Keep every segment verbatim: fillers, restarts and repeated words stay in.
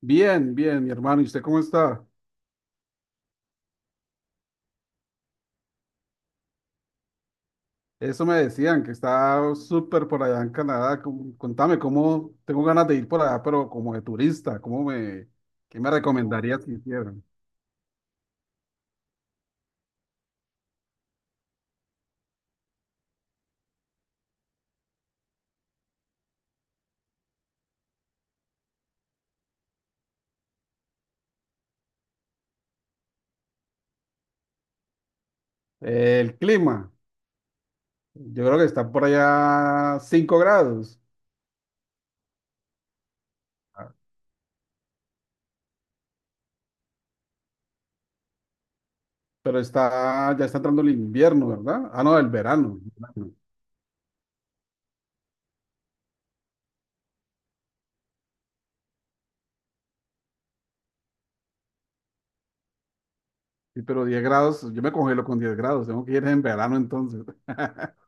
Bien, bien, mi hermano. ¿Y usted cómo está? Eso me decían, que está súper por allá en Canadá. Cómo- Contame, ¿cómo? Tengo ganas de ir por allá, pero como de turista. ¿Cómo me, ¿qué me recomendarías que hicieran? El clima. Yo creo que está por allá cinco grados, pero está, ya está entrando el invierno, ¿verdad? Ah, no, el verano. el verano. Sí, pero diez grados, yo me congelo con diez grados. Tengo que ir en verano entonces.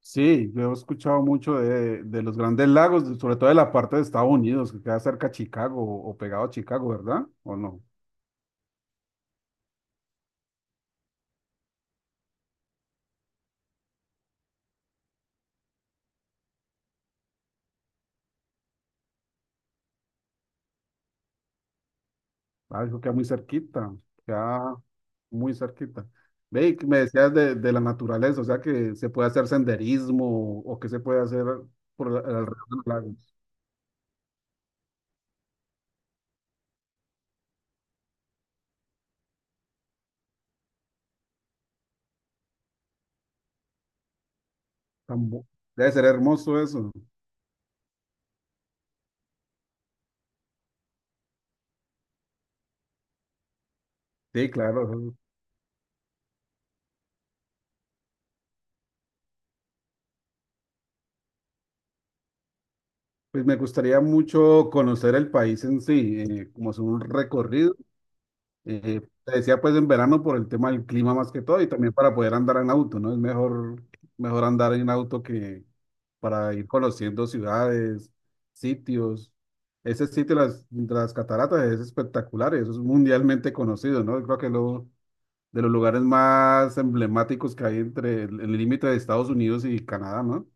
Sí, yo he escuchado mucho de, de los Grandes Lagos, sobre todo de la parte de Estados Unidos, que queda cerca a Chicago o pegado a Chicago, ¿verdad? ¿O no? Ah, eso queda muy cerquita, queda muy cerquita. Ve, y que me decías de, de la naturaleza, o sea que se puede hacer senderismo o, o que se puede hacer por la- alrededor de los lagos. Tan bu- Debe ser hermoso eso. Sí, claro. Pues me gustaría mucho conocer el país en sí, eh, como es un recorrido. Eh, te decía pues en verano por el tema del clima más que todo y también para poder andar en auto, ¿no? Es mejor, mejor andar en auto que para ir conociendo ciudades, sitios. Ese sitio, las, las cataratas, es espectacular, eso es mundialmente conocido, ¿no? Creo que lo, de los lugares más emblemáticos que hay entre el el límite de Estados Unidos y Canadá, ¿no?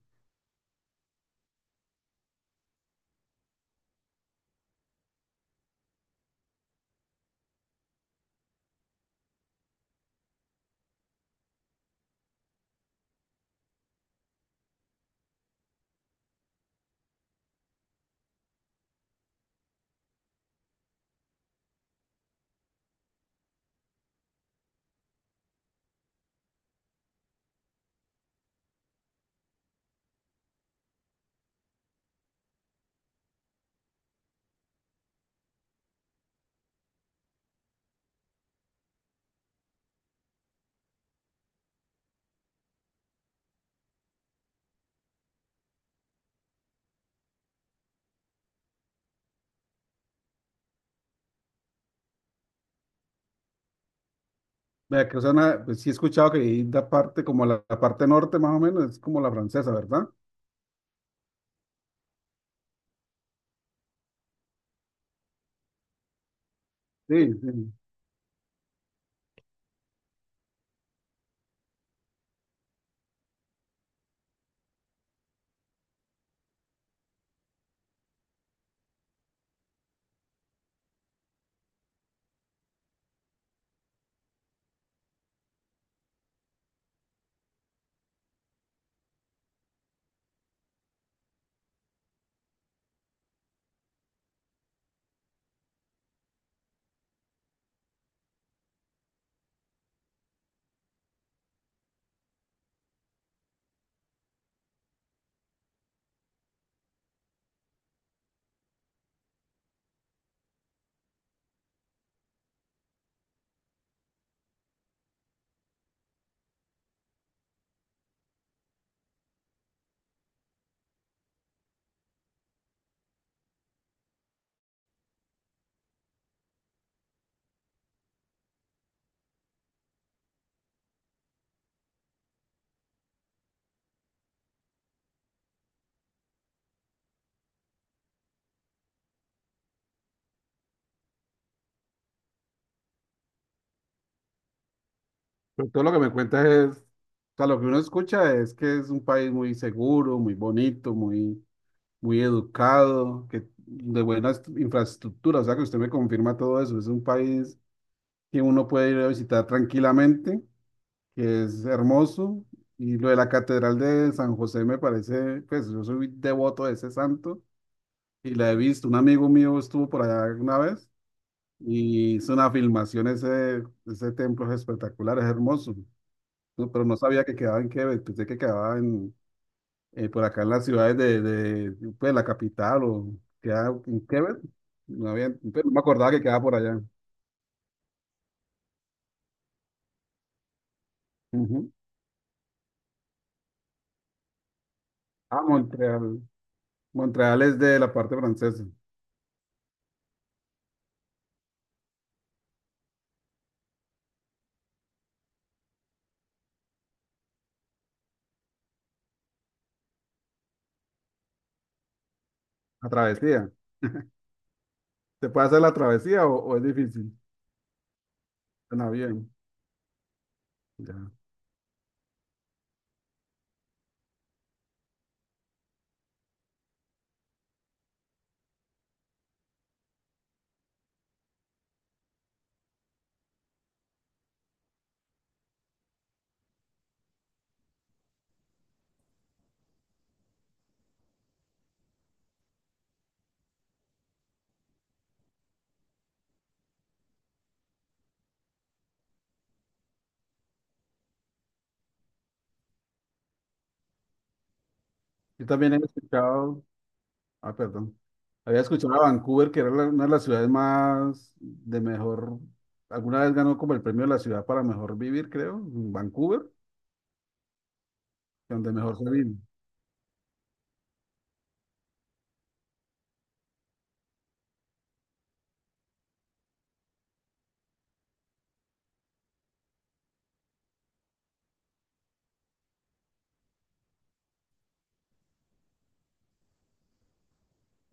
Vea que, o sea, una- pues sí he escuchado que hay la parte, como la, la parte norte más o menos, es como la francesa, ¿verdad? Sí, sí. Pero todo lo que me cuentas es, o sea, lo que uno escucha es que es un país muy seguro, muy bonito, muy, muy educado, que de buenas infraestructuras, o sea, que usted me confirma todo eso. Es un país que uno puede ir a visitar tranquilamente, que es hermoso. Y lo de la Catedral de San José me parece, pues yo soy devoto de ese santo y la he visto. Un amigo mío estuvo por allá una vez y hizo una filmación, ese, ese templo es espectacular, es hermoso. No, pero no sabía que quedaba en Quebec, pensé que quedaba en, eh, por acá en las ciudades de, de, pues, la capital o quedaba en Quebec. No había, pues, no me acordaba que quedaba por allá. Ujú. Ah, Montreal. Montreal es de la parte francesa. La travesía. ¿Se puede hacer la travesía o, o es difícil? En avión. Ya. Yo también he escuchado, ah, perdón, había escuchado a Vancouver, que era la- una de las ciudades más de mejor, alguna vez ganó como el premio de la ciudad para mejor vivir, creo, en Vancouver, donde mejor se vive.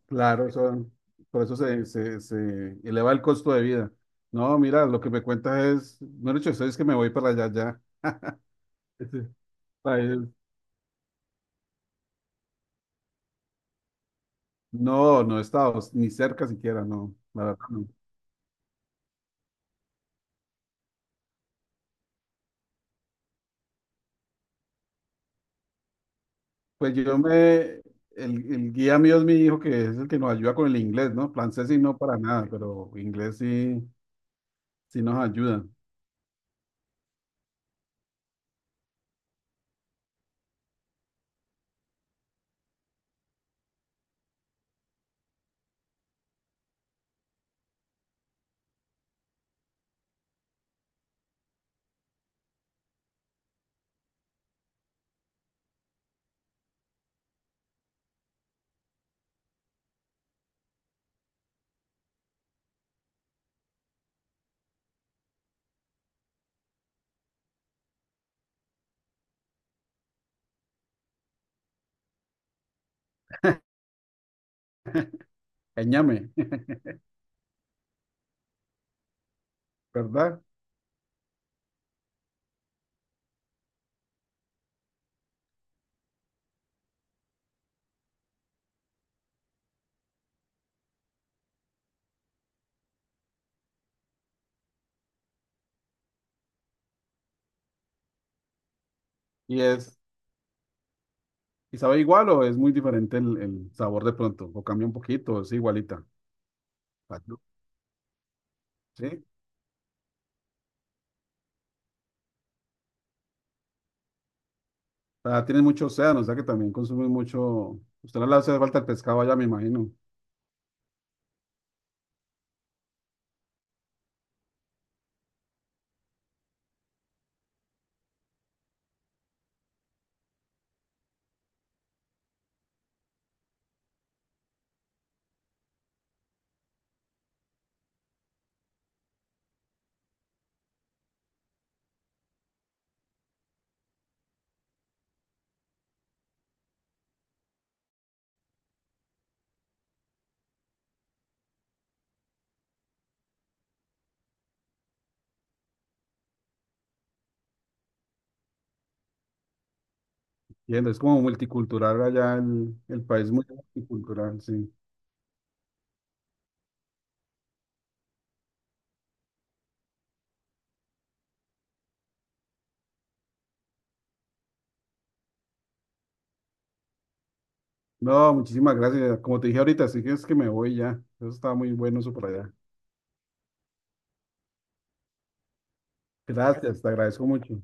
Claro, eso- por eso se, se, se eleva el costo de vida. No, mira, lo que me cuentas es, no he dicho eso, es que me voy para allá ya. Ese país, no, no he estado ni cerca siquiera, no, la verdad no. Pues yo me, el, el guía mío es mi hijo, que es el que nos ayuda con el inglés, ¿no? Francés sí, no para nada, pero inglés sí, sí nos ayuda. Éñame, ¿verdad? Y es, ¿y sabe igual o es muy diferente el, el sabor de pronto? ¿O cambia un poquito? ¿Es igualita? ¿Sí? Ah, tienen mucho océano, o sea que también consumen mucho. Usted no le hace falta el pescado allá, me imagino. Entiendo, es como multicultural allá el, el país, muy multicultural, sí. No, muchísimas gracias. Como te dije ahorita, sí que es que me voy ya. Eso está muy bueno, eso por allá. Gracias, te agradezco mucho.